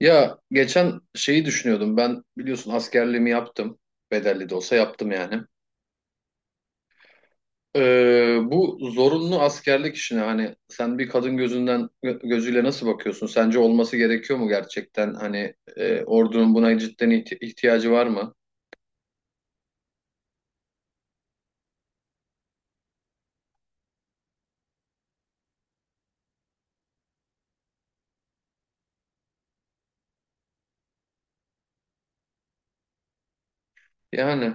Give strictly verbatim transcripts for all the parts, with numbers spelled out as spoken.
Ya geçen şeyi düşünüyordum. Ben biliyorsun askerliğimi yaptım. Bedelli de olsa yaptım yani. Ee, bu zorunlu askerlik işine hani sen bir kadın gözünden gö- gözüyle nasıl bakıyorsun? Sence olması gerekiyor mu gerçekten? Hani e, ordunun buna cidden ihti- ihtiyacı var mı? Yani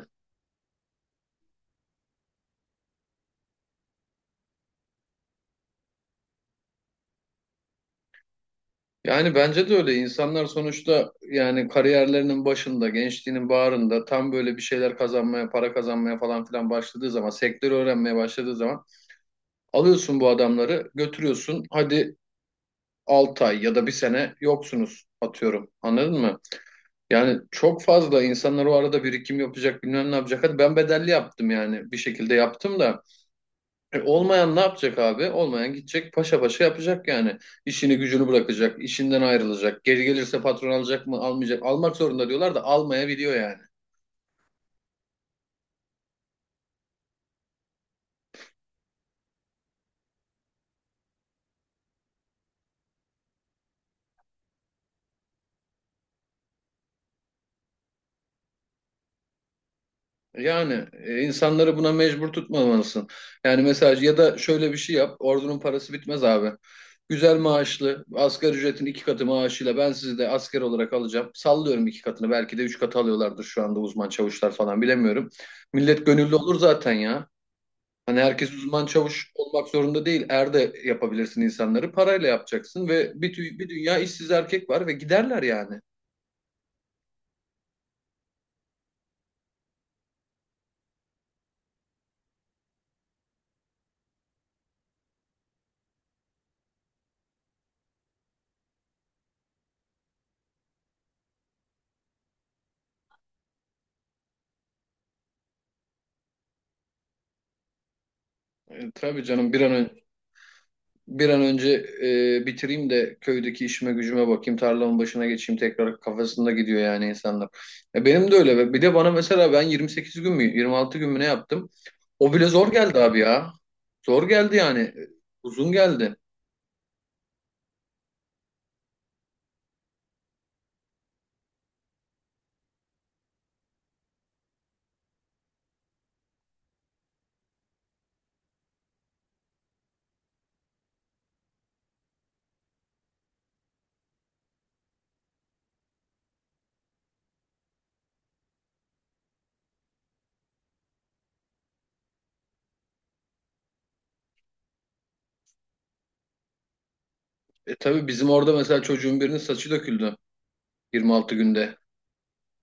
yani bence de öyle. İnsanlar sonuçta yani kariyerlerinin başında, gençliğinin bağrında tam böyle bir şeyler kazanmaya, para kazanmaya falan filan başladığı zaman, sektörü öğrenmeye başladığı zaman alıyorsun bu adamları, götürüyorsun. Hadi altı ay ya da bir sene yoksunuz atıyorum. Anladın mı? Yani çok fazla insanlar o arada birikim yapacak, bilmem ne yapacak. Hadi ben bedelli yaptım yani bir şekilde yaptım da. E, olmayan ne yapacak abi? Olmayan gidecek paşa paşa yapacak yani. İşini gücünü bırakacak, işinden ayrılacak. Geri gelirse patron alacak mı, almayacak. Almak zorunda diyorlar da almayabiliyor yani. Yani e, insanları buna mecbur tutmamalısın. Yani mesela ya da şöyle bir şey yap. Ordunun parası bitmez abi. Güzel maaşlı, asgari ücretin iki katı maaşıyla ben sizi de asker olarak alacağım. Sallıyorum iki katını. Belki de üç katı alıyorlardır şu anda uzman çavuşlar falan bilemiyorum. Millet gönüllü olur zaten ya. Hani herkes uzman çavuş olmak zorunda değil. Er de yapabilirsin insanları. Parayla yapacaksın ve bir, tü- bir dünya işsiz erkek var ve giderler yani. E, tabii canım bir an önce bir an önce e, bitireyim de köydeki işime gücüme bakayım, tarlamın başına geçeyim tekrar kafasında gidiyor yani insanlar. E, benim de öyle. Bir de bana mesela ben yirmi sekiz gün mü yirmi altı gün mü ne yaptım? O bile zor geldi abi ya. Zor geldi yani. E, Uzun geldi. E tabii bizim orada mesela çocuğun birinin saçı döküldü yirmi altı günde.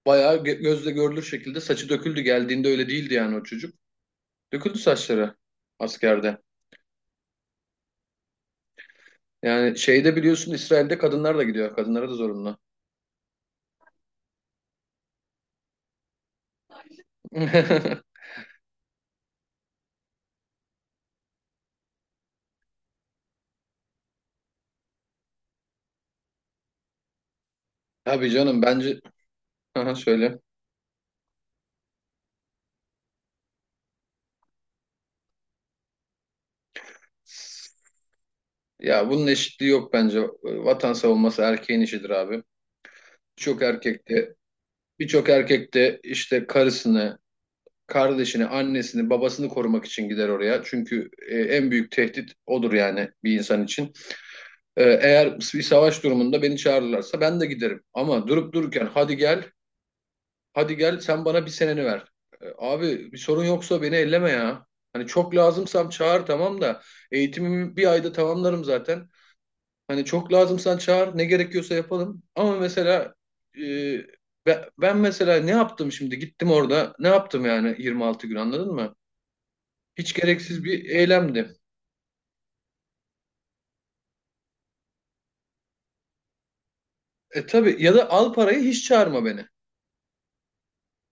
Bayağı gö- gözle görülür şekilde saçı döküldü. Geldiğinde öyle değildi yani o çocuk. Döküldü saçları askerde. Yani şeyde biliyorsun İsrail'de kadınlar da gidiyor. Kadınlara da zorunlu. Tabii canım bence. Aha, söyle. Ya bunun eşitliği yok bence. Vatan savunması erkeğin işidir abi. Birçok erkek de birçok erkek de işte karısını, kardeşini, annesini, babasını korumak için gider oraya. Çünkü e, en büyük tehdit odur yani bir insan için. E, eğer bir savaş durumunda beni çağırırlarsa ben de giderim. Ama durup dururken hadi gel, hadi gel sen bana bir seneni ver. E, Abi bir sorun yoksa beni elleme ya. Hani çok lazımsam çağır tamam da eğitimimi bir ayda tamamlarım zaten. Hani çok lazımsan çağır ne gerekiyorsa yapalım. Ama mesela e, be- ben mesela ne yaptım şimdi gittim orada ne yaptım yani yirmi altı gün anladın mı? Hiç gereksiz bir eylemdi. E tabii ya da al parayı hiç çağırma beni.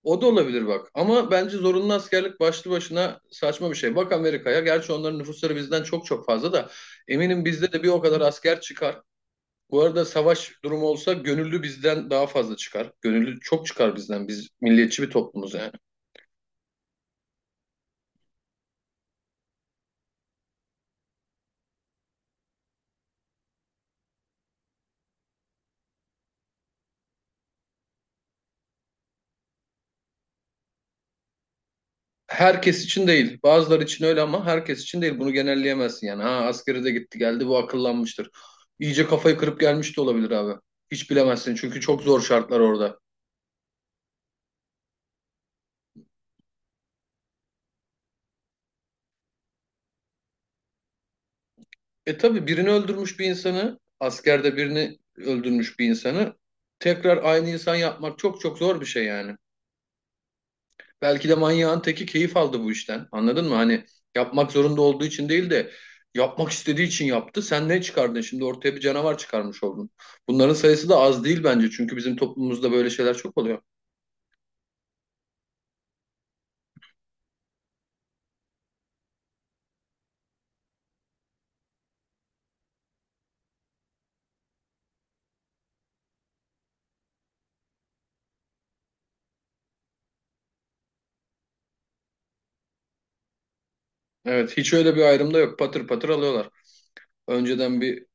O da olabilir bak. Ama bence zorunlu askerlik başlı başına saçma bir şey. Bak Amerika'ya. Gerçi onların nüfusları bizden çok çok fazla da eminim bizde de bir o kadar asker çıkar. Bu arada savaş durumu olsa gönüllü bizden daha fazla çıkar. Gönüllü çok çıkar bizden. Biz milliyetçi bir toplumuz yani. Herkes için değil. Bazıları için öyle ama herkes için değil. Bunu genelleyemezsin yani. Ha askeri de gitti geldi bu akıllanmıştır. İyice kafayı kırıp gelmiş de olabilir abi. Hiç bilemezsin çünkü çok zor şartlar orada. E tabii birini öldürmüş bir insanı, askerde birini öldürmüş bir insanı tekrar aynı insan yapmak çok çok zor bir şey yani. Belki de manyağın teki keyif aldı bu işten. Anladın mı? Hani yapmak zorunda olduğu için değil de yapmak istediği için yaptı. Sen ne çıkardın? Şimdi ortaya bir canavar çıkarmış oldun. Bunların sayısı da az değil bence. Çünkü bizim toplumumuzda böyle şeyler çok oluyor. Evet, hiç öyle bir ayrım da yok. Patır patır alıyorlar. Önceden bir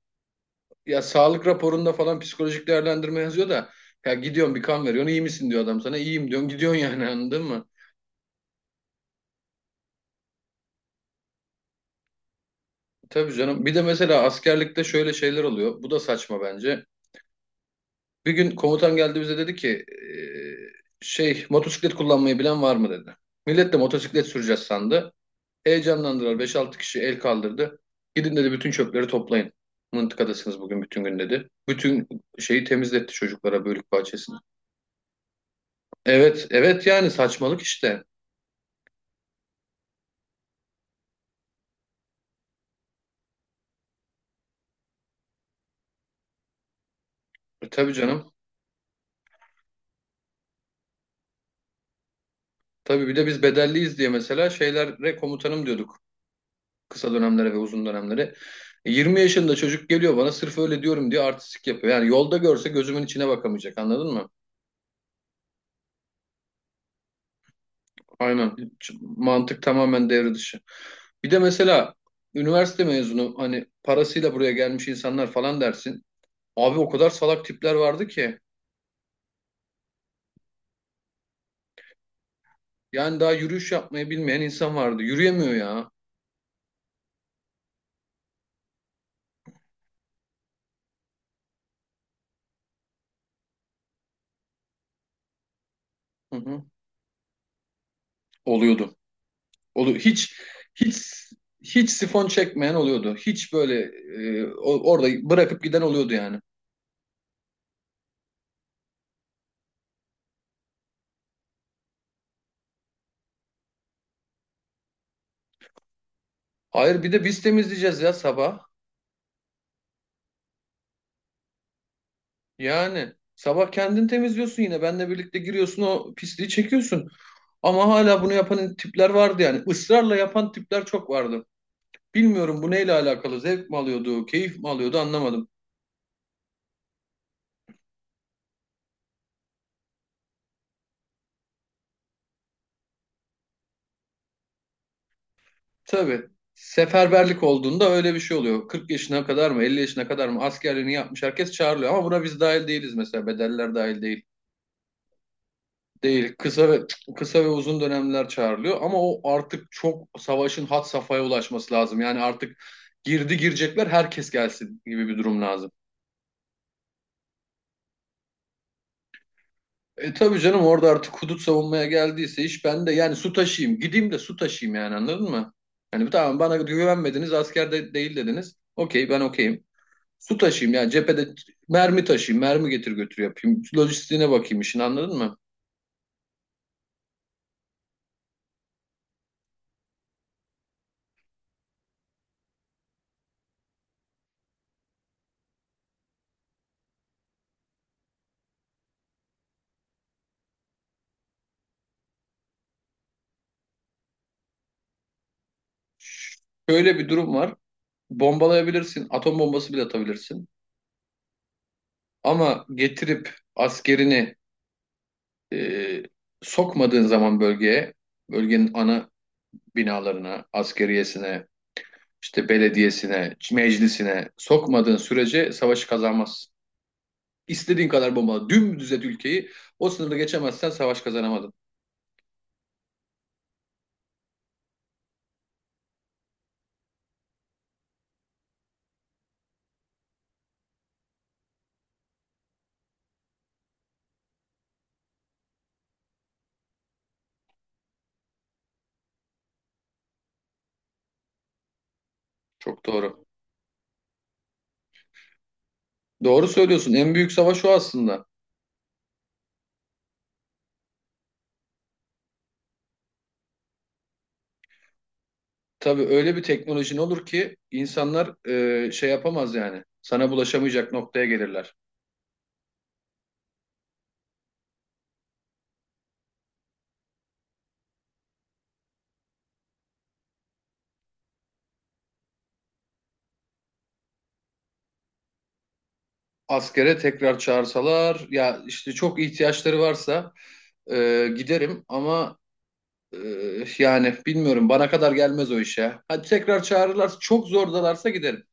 ya sağlık raporunda falan psikolojik değerlendirme yazıyor da ya gidiyorsun bir kan veriyorsun iyi misin diyor adam sana iyiyim diyorsun gidiyorsun yani anladın mı? Tabii canım. Bir de mesela askerlikte şöyle şeyler oluyor. Bu da saçma bence. Bir gün komutan geldi bize dedi ki eee, şey motosiklet kullanmayı bilen var mı dedi. Millet de motosiklet süreceğiz sandı. Heyecanlandılar beş altı kişi el kaldırdı. Gidin dedi bütün çöpleri toplayın. Mıntıkadasınız bugün bütün gün dedi. Bütün şeyi temizletti çocuklara bölük bahçesini. Evet, evet yani saçmalık işte. E, tabii canım. Tabii bir de biz bedelliyiz diye mesela şeylere komutanım diyorduk. Kısa dönemlere ve uzun dönemlere. E, yirmi yaşında çocuk geliyor bana sırf öyle diyorum diye artistik yapıyor. Yani yolda görse gözümün içine bakamayacak anladın mı? Aynen. Hiç mantık tamamen devre dışı. Bir de mesela üniversite mezunu hani parasıyla buraya gelmiş insanlar falan dersin. Abi o kadar salak tipler vardı ki. Yani daha yürüyüş yapmayı bilmeyen insan vardı. Yürüyemiyor ya. Hı hı. Oluyordu. Olu hiç hiç hiç sifon çekmeyen oluyordu. Hiç böyle e, o- orada bırakıp giden oluyordu yani. Hayır bir de biz temizleyeceğiz ya sabah. Yani sabah kendin temizliyorsun yine. Benle birlikte giriyorsun o pisliği çekiyorsun. Ama hala bunu yapan tipler vardı yani. Israrla yapan tipler çok vardı. Bilmiyorum bu neyle alakalı. Zevk mi alıyordu, keyif mi alıyordu anlamadım. Tabii. Seferberlik olduğunda öyle bir şey oluyor. kırk yaşına kadar mı, elli yaşına kadar mı askerliğini yapmış herkes çağrılıyor. Ama buna biz dahil değiliz mesela. Bedeller dahil değil. Değil. Kısa ve kısa ve uzun dönemler çağrılıyor. Ama o artık çok savaşın had safhaya ulaşması lazım. Yani artık girdi girecekler herkes gelsin gibi bir durum lazım. E tabii canım orada artık hudut savunmaya geldiyse iş ben de yani su taşıyayım. Gideyim de su taşıyayım yani anladın mı? Yani tamam bana güvenmediniz asker de değil dediniz. Okey ben okeyim. Su taşıyayım yani cephede mermi taşıyayım, mermi getir götür yapayım. Lojistiğine bakayım işin anladın mı? Şöyle bir durum var. Bombalayabilirsin, atom bombası bile atabilirsin. Ama getirip askerini e, sokmadığın zaman bölgeye, bölgenin ana binalarına, askeriyesine, işte belediyesine, meclisine sokmadığın sürece savaşı kazanmazsın. İstediğin kadar bombala, dümdüz et ülkeyi, o sınırda geçemezsen savaş kazanamadın. Çok doğru. Doğru söylüyorsun. En büyük savaş o aslında. Tabii öyle bir teknolojin olur ki insanlar e, şey yapamaz yani. Sana bulaşamayacak noktaya gelirler. Askere tekrar çağırsalar ya işte çok ihtiyaçları varsa e, giderim ama e, yani bilmiyorum bana kadar gelmez o iş ya. Hadi tekrar çağırırlarsa çok zordalarsa giderim.